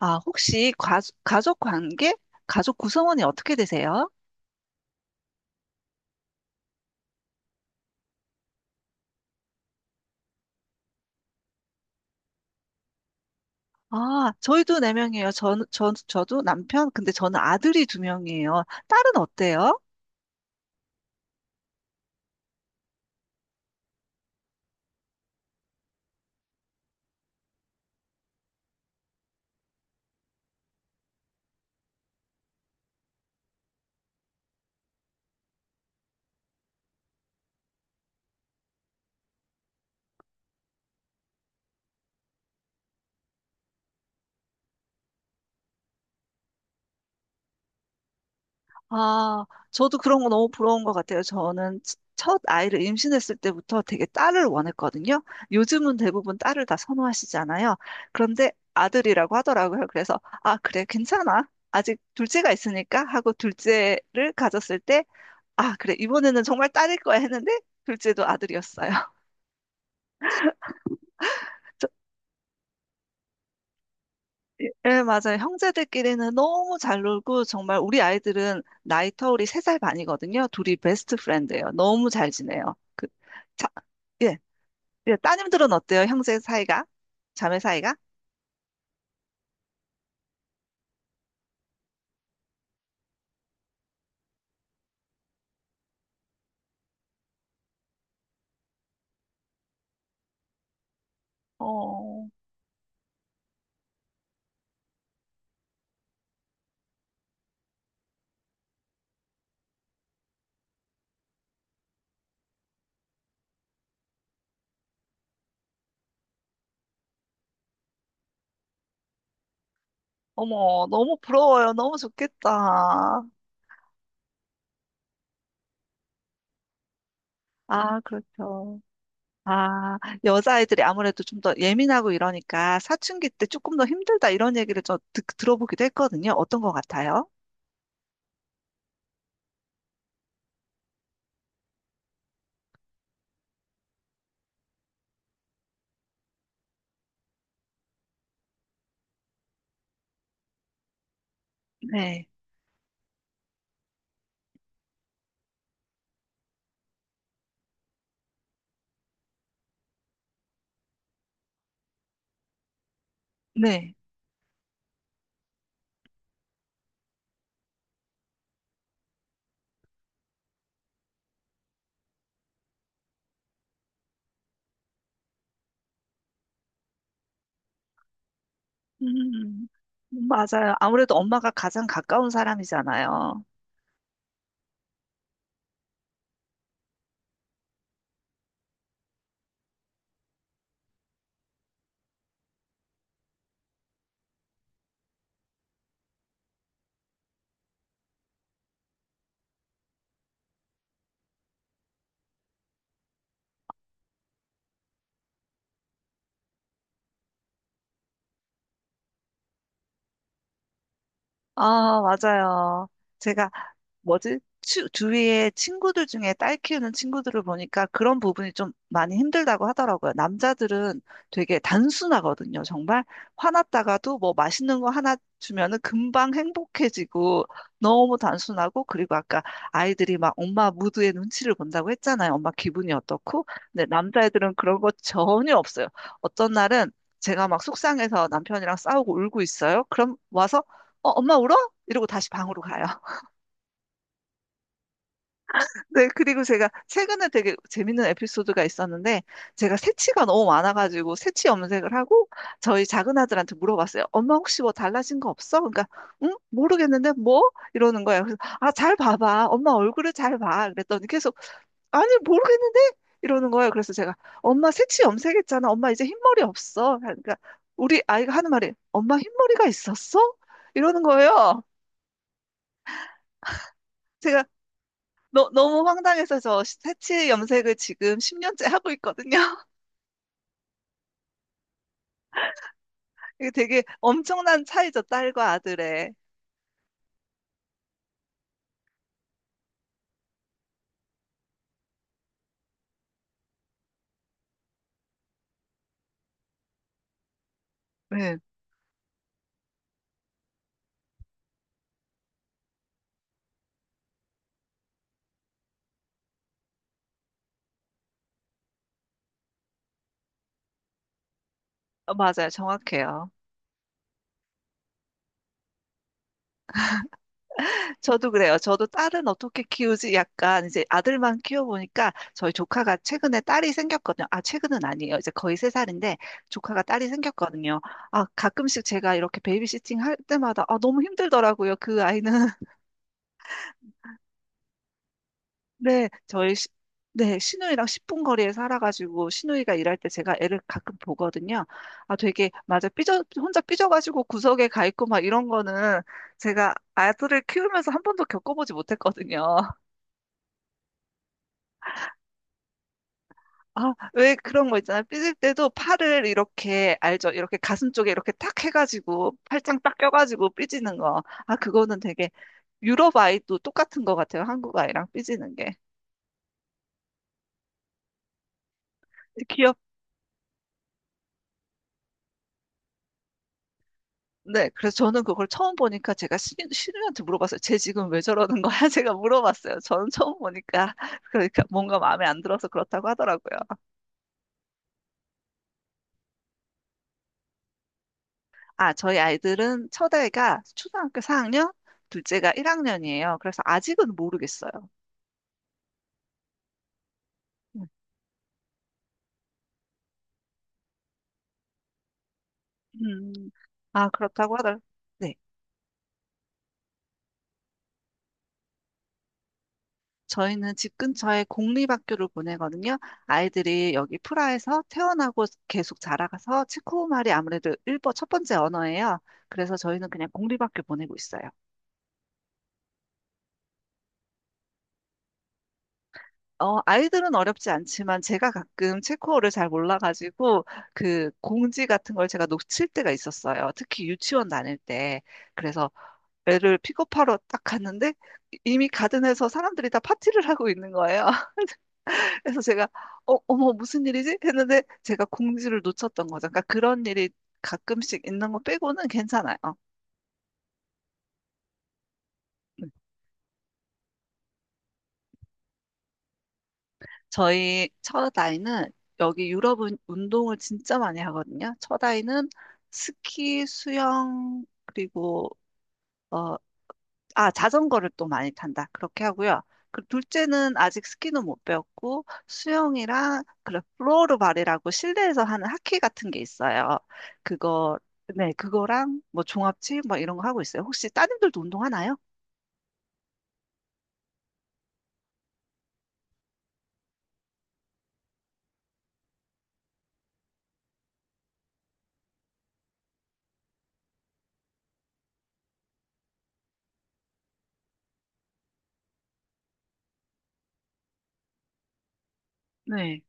아, 혹시 가족 관계? 가족 구성원이 어떻게 되세요? 아, 저희도 네명이에요. 저도 남편, 근데 저는 아들이 두명이에요. 딸은 어때요? 아, 저도 그런 거 너무 부러운 것 같아요. 저는 첫 아이를 임신했을 때부터 되게 딸을 원했거든요. 요즘은 대부분 딸을 다 선호하시잖아요. 그런데 아들이라고 하더라고요. 그래서, 아, 그래, 괜찮아. 아직 둘째가 있으니까 하고 둘째를 가졌을 때, 아, 그래. 이번에는 정말 딸일 거야 했는데, 둘째도 아들이었어요. 저- 예, 예, 맞아요. 형제들끼리는 너무 잘 놀고, 정말 우리 아이들은 나이 터울이 3살 반이거든요. 둘이 베스트 프렌드예요. 너무 잘 지내요. 그, 자, 예, 예. 따님들은 어때요? 형제 사이가? 자매 사이가? 어, 어머, 너무 부러워요. 너무 좋겠다. 아, 그렇죠. 아, 여자아이들이 아무래도 좀 더 예민하고 이러니까 사춘기 때 조금 더 힘들다 이런 얘기를 저 들어보기도 했거든요. 어떤 것 같아요? 네, 네. 음, 맞아요. 아무래도 엄마가 가장 가까운 사람이잖아요. 아, 맞아요. 제가 뭐지? 주위에 친구들 중에 딸 키우는 친구들을 보니까 그런 부분이 좀 많이 힘들다고 하더라고요. 남자들은 되게 단순하거든요. 정말 화났다가도 뭐 맛있는 거 하나 주면은 금방 행복해지고 너무 단순하고. 그리고 아까 아이들이 막 엄마 무드의 눈치를 본다고 했잖아요. 엄마 기분이 어떻고. 근데 남자애들은 그런 거 전혀 없어요. 어떤 날은 제가 막 속상해서 남편이랑 싸우고 울고 있어요. 그럼 와서, 어, 엄마 울어? 이러고 다시 방으로 가요. 네, 그리고 제가 최근에 되게 재밌는 에피소드가 있었는데, 제가 새치가 너무 많아가지고, 새치 염색을 하고, 저희 작은 아들한테 물어봤어요. 엄마 혹시 뭐 달라진 거 없어? 그러니까, 응? 모르겠는데, 뭐? 이러는 거예요. 그래서, 아, 잘 봐봐. 엄마 얼굴을 잘 봐. 그랬더니 계속, 아니, 모르겠는데? 이러는 거예요. 그래서 제가, 엄마 새치 염색했잖아. 엄마 이제 흰머리 없어. 그러니까, 우리 아이가 하는 말이, 엄마 흰머리가 있었어? 이러는 거예요. 제가 너무 황당해서 저 새치 염색을 지금 10년째 하고 있거든요. 이게 되게 엄청난 차이죠, 딸과 아들의. 네. 어, 맞아요. 정확해요. 저도 그래요. 저도 딸은 어떻게 키우지? 약간 이제 아들만 키워보니까 저희 조카가 최근에 딸이 생겼거든요. 아, 최근은 아니에요. 이제 거의 세살인데 조카가 딸이 생겼거든요. 아, 가끔씩 제가 이렇게 베이비시팅 할 때마다, 아, 너무 힘들더라고요. 그 아이는. 네, 저희 시, 네, 시누이랑 10분 거리에 살아가지고 시누이가 일할 때 제가 애를 가끔 보거든요. 아, 되게 맞아 삐져, 혼자 삐져가지고 구석에 가 있고 막 이런 거는 제가 아들을 키우면서 한 번도 겪어보지 못했거든요. 아, 왜 그런 거 있잖아요. 삐질 때도 팔을 이렇게, 알죠? 이렇게 가슴 쪽에 이렇게 탁 해가지고 팔짱 딱 껴가지고 삐지는 거. 아, 그거는 되게 유럽 아이도 똑같은 것 같아요. 한국 아이랑 삐지는 게. 네, 그래서 저는 그걸 처음 보니까 제가 신우한테 물어봤어요. 쟤 지금 왜 저러는 거야? 제가 물어봤어요. 저는 처음 보니까. 그러니까 뭔가 마음에 안 들어서 그렇다고 하더라고요. 아, 저희 아이들은 첫애가 초등학교 4학년, 둘째가 1학년이에요. 그래서 아직은 모르겠어요. 음, 아, 그렇다고 하더라고요. 저희는 집 근처에 공립학교를 보내거든요. 아이들이 여기 프라에서 태어나고 계속 자라가서 체코말이 아무래도 일본 첫 번째 언어예요. 그래서 저희는 그냥 공립학교 보내고 있어요. 어, 아이들은 어렵지 않지만 제가 가끔 체코어를 잘 몰라가지고 그 공지 같은 걸 제가 놓칠 때가 있었어요. 특히 유치원 다닐 때. 그래서 애를 픽업하러 딱 갔는데 이미 가든에서 사람들이 다 파티를 하고 있는 거예요. 그래서 제가, 어, 어머 무슨 일이지? 했는데 제가 공지를 놓쳤던 거죠. 그러니까 그런 일이 가끔씩 있는 거 빼고는 괜찮아요. 어, 음. 저희 처다이는, 여기 유럽은 운동을 진짜 많이 하거든요. 처다이는 스키, 수영 그리고 어, 아, 자전거를 또 많이 탄다. 그렇게 하고요. 그 둘째는 아직 스키는 못 배웠고 수영이랑, 그래, 플로어볼이라고 실내에서 하는 하키 같은 게 있어요. 그거, 네, 그거랑 뭐 종합체 뭐 이런 거 하고 있어요. 혹시 따님들도 운동하나요? 네.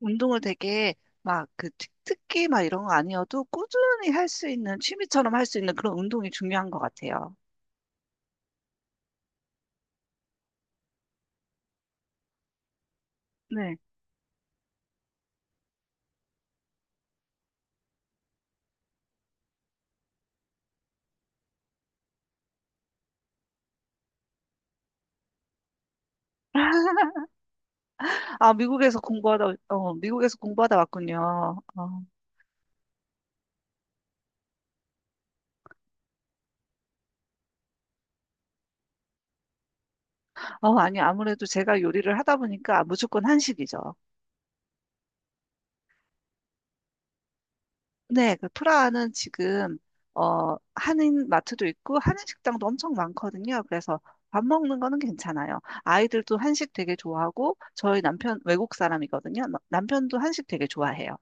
운동을 되게 막 그 특기 막 이런 거 아니어도 꾸준히 할 수 있는, 취미처럼 할 수 있는 그런 운동이 중요한 것 같아요. 네. 아, 미국에서 공부하다, 어, 미국에서 공부하다 왔군요. 어. 어, 아니, 아무래도 제가 요리를 하다 보니까 무조건 한식이죠. 네, 그 프라하는 지금, 어, 한인 마트도 있고, 한인 식당도 엄청 많거든요. 그래서 밥 먹는 거는 괜찮아요. 아이들도 한식 되게 좋아하고, 저희 남편 외국 사람이거든요. 남편도 한식 되게 좋아해요.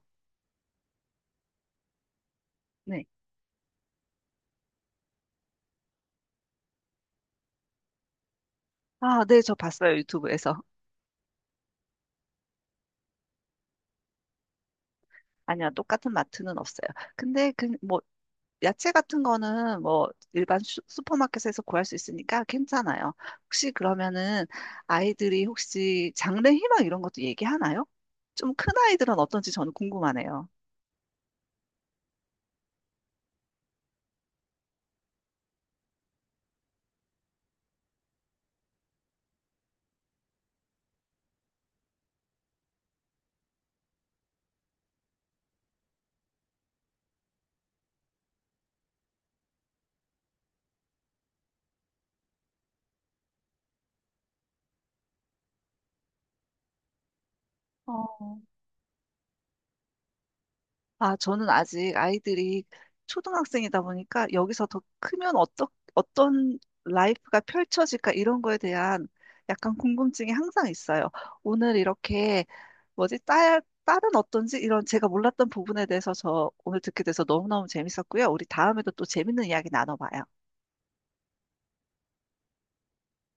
네. 아, 네, 저 봤어요. 유튜브에서. 아니야, 똑같은 마트는 없어요. 근데 그, 뭐, 야채 같은 거는 뭐 일반 슈퍼마켓에서 구할 수 있으니까 괜찮아요. 혹시 그러면은 아이들이 혹시 장래 희망 이런 것도 얘기하나요? 좀 큰 아이들은 어떤지 저는 궁금하네요. 어. 아, 저는 아직 아이들이 초등학생이다 보니까 여기서 더 크면 어떤 라이프가 펼쳐질까 이런 거에 대한 약간 궁금증이 항상 있어요. 오늘 이렇게 뭐지? 딸은 어떤지 이런 제가 몰랐던 부분에 대해서 저 오늘 듣게 돼서 너무너무 재밌었고요. 우리 다음에도 또 재밌는 이야기 나눠봐요.